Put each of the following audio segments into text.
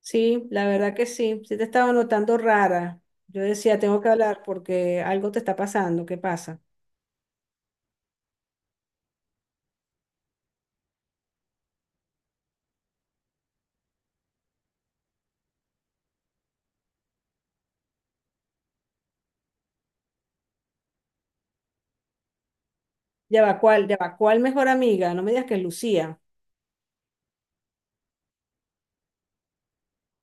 Sí, la verdad que sí. Sí te estaba notando rara. Yo decía, tengo que hablar porque algo te está pasando. ¿Qué pasa? Ya va, ¿cuál? Ya va, ¿cuál mejor amiga? No me digas que es Lucía.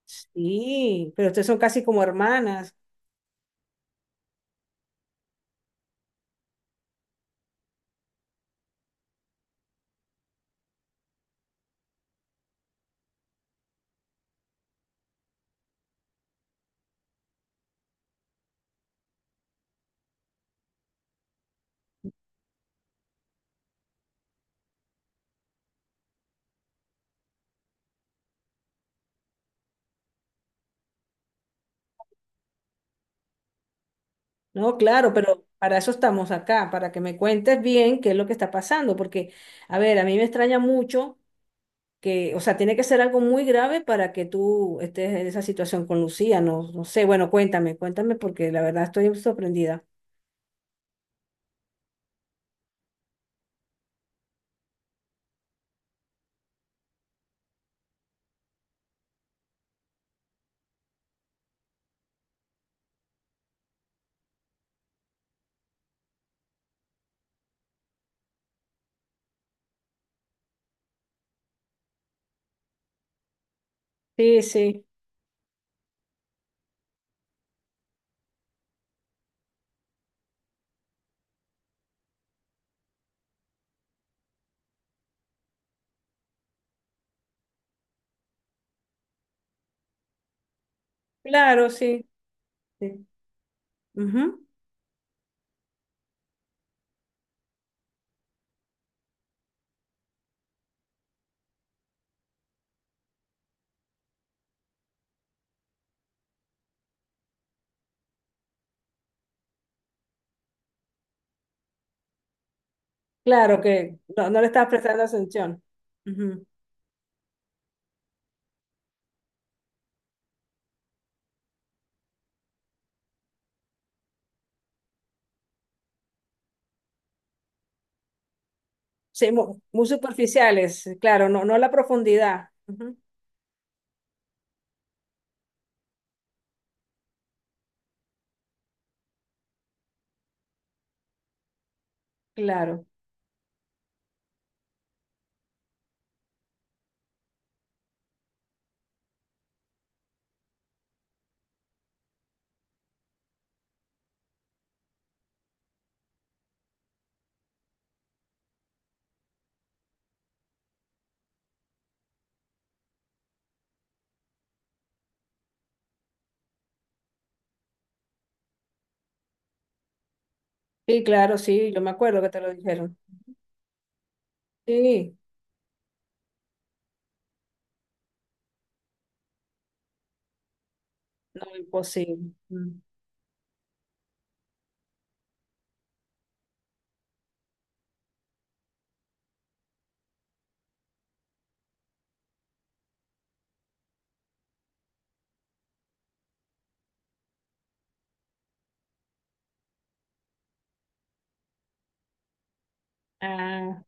Sí, pero ustedes son casi como hermanas. No, claro, pero para eso estamos acá, para que me cuentes bien qué es lo que está pasando. Porque, a ver, a mí me extraña mucho que, o sea, tiene que ser algo muy grave para que tú estés en esa situación con Lucía. No, no sé, bueno, cuéntame, cuéntame porque la verdad estoy sorprendida. Sí, sí, claro, sí. Sí. Ujú. Claro que no, no le estás prestando atención. Ujú. Sí, muy, superficiales, claro, no, no la profundidad. Ujú. Claro. Sí, claro, sí, yo me acuerdo que te lo dijeron. Sí, no, imposible. Mm. Ah.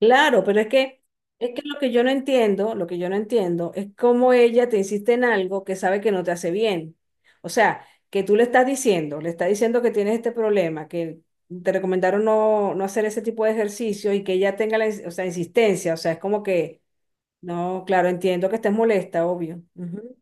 Claro, pero es que lo que yo no entiendo, lo que yo no entiendo es cómo ella te insiste en algo que sabe que no te hace bien. O sea, que tú le estás diciendo que tienes este problema, que te recomendaron no, no hacer ese tipo de ejercicio y que ella tenga la, o sea, insistencia. O sea, es como que, no, claro, entiendo que estés molesta, obvio. Ujú.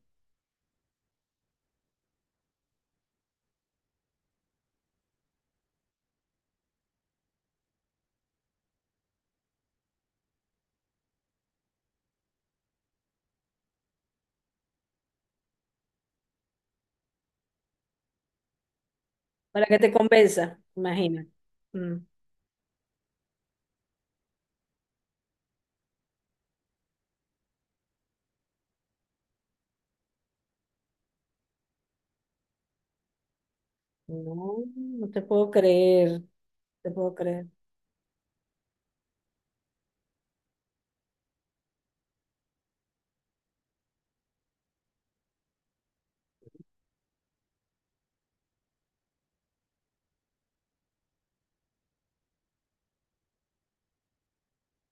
Para que te convenza, imagina. Mm. No, no te puedo creer, no te puedo creer.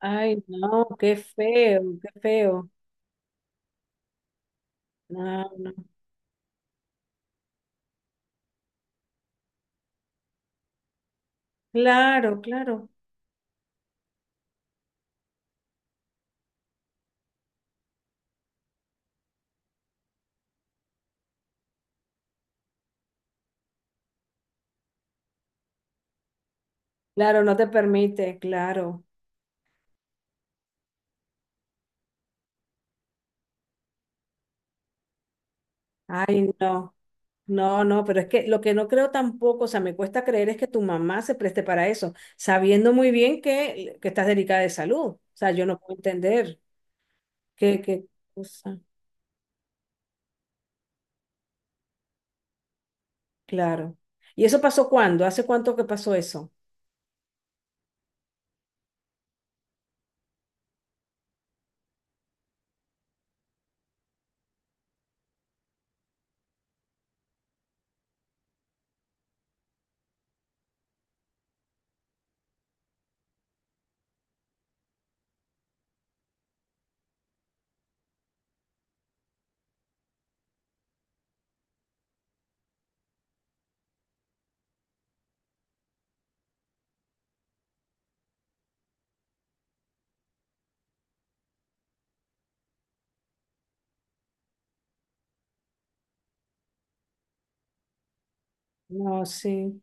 Ay, no, qué feo, qué feo. No, no. Claro, claro, claro, no te permite, claro. Ay, no, no, no, pero es que lo que no creo tampoco, o sea, me cuesta creer es que tu mamá se preste para eso, sabiendo muy bien que estás delicada de salud. O sea, yo no puedo entender qué cosa. Claro. ¿Y eso pasó cuándo? ¿Hace cuánto que pasó eso? No, sí.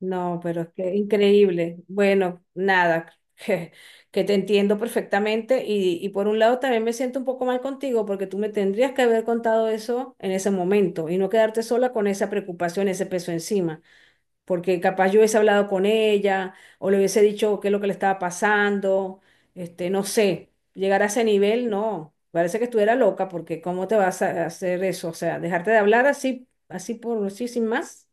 No, pero es que increíble. Bueno, nada, que, te entiendo perfectamente y por un lado también me siento un poco mal contigo porque tú me tendrías que haber contado eso en ese momento y no quedarte sola con esa preocupación, ese peso encima, porque capaz yo hubiese hablado con ella o le hubiese dicho qué es lo que le estaba pasando, este, no sé, llegar a ese nivel, no, parece que estuviera loca porque ¿cómo te vas a hacer eso? O sea, dejarte de hablar así, así por, así sin más.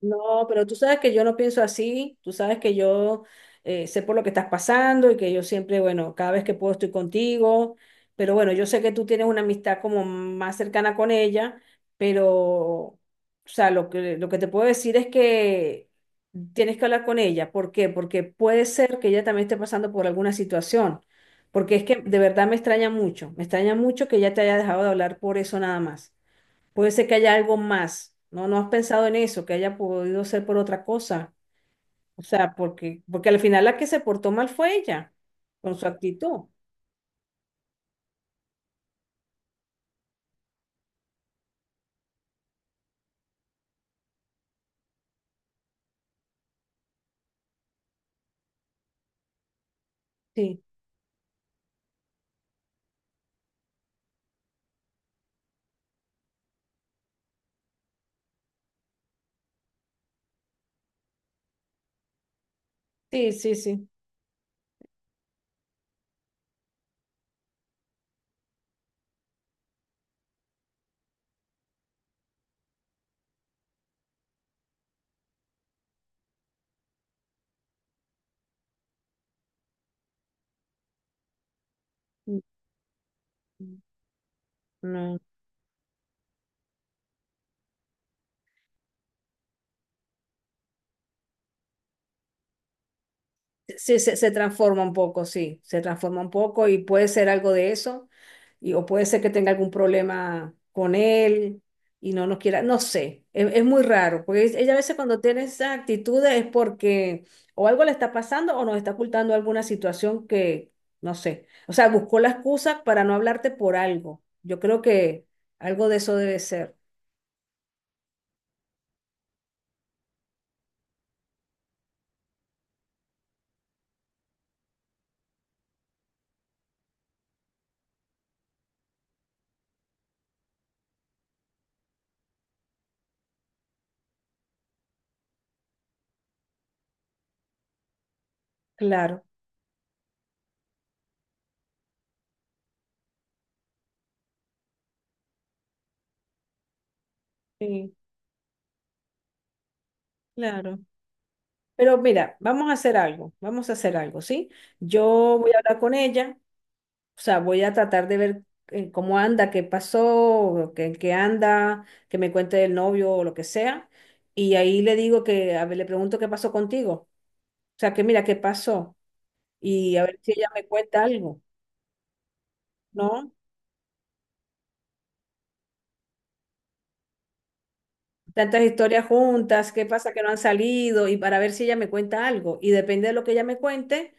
No, pero tú sabes que yo no pienso así, tú sabes que yo sé por lo que estás pasando y que yo siempre, bueno, cada vez que puedo estoy contigo, pero bueno, yo sé que tú tienes una amistad como más cercana con ella, pero, o sea, lo que te puedo decir es que tienes que hablar con ella. ¿Por qué? Porque puede ser que ella también esté pasando por alguna situación, porque, es que de verdad me extraña mucho que ella te haya dejado de hablar por eso nada más. Puede ser que haya algo más. No, no has pensado en eso, que haya podido ser por otra cosa. O sea, porque al final la que se portó mal fue ella, con su actitud. Sí, sí, sí, sí. Mm. No. Sí, se transforma un poco, sí, se transforma un poco y puede ser algo de eso, o puede ser que tenga algún problema con él y no nos quiera, no sé, es muy raro, porque ella a veces cuando tiene esa actitud es porque o algo le está pasando o nos está ocultando alguna situación que, no sé, o sea, buscó la excusa para no hablarte por algo. Yo creo que algo de eso debe ser, claro. Sí, claro. Pero mira, vamos a hacer algo, vamos a hacer algo, ¿sí? Yo voy a hablar con ella, o sea, voy a tratar de ver cómo anda, qué pasó, qué, en qué anda, que me cuente el novio o lo que sea. Y ahí le digo que, a ver, le pregunto qué pasó contigo. O sea, que mira, qué pasó. Y a ver si ella me cuenta algo, ¿no? Tantas historias juntas, qué pasa que no han salido, y para ver si ella me cuenta algo. Y depende de lo que ella me cuente.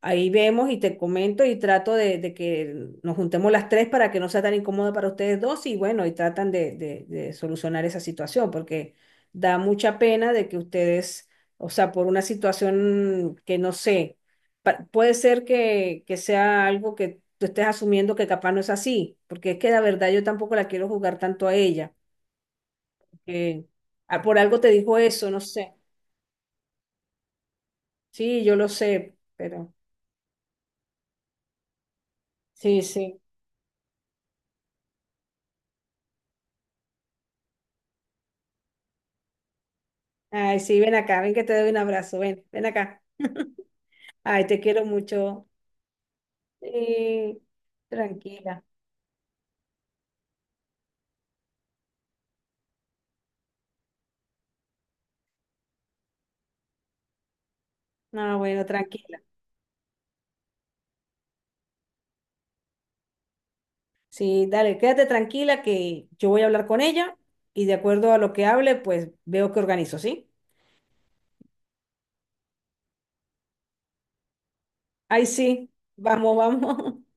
Ahí vemos y te comento y trato de que nos juntemos las tres para que no sea tan incómodo para ustedes dos y bueno, y tratan de solucionar esa situación porque da mucha pena de que ustedes, o sea, por una situación que no sé, puede ser que sea algo que tú estés asumiendo que capaz no es así, porque es que la verdad yo tampoco la quiero jugar tanto a ella, porque ah, por algo te dijo eso, no sé. Sí, yo lo sé, pero sí, sí. Ay, sí, ven acá, ven que te doy un abrazo, ven, ven acá. Ay, te quiero mucho. Sí, tranquila. No, bueno, tranquila. Sí, dale, quédate tranquila que yo voy a hablar con ella y de acuerdo a lo que hable, pues veo que organizo, ¿sí? Ay, sí, vamos, vamos.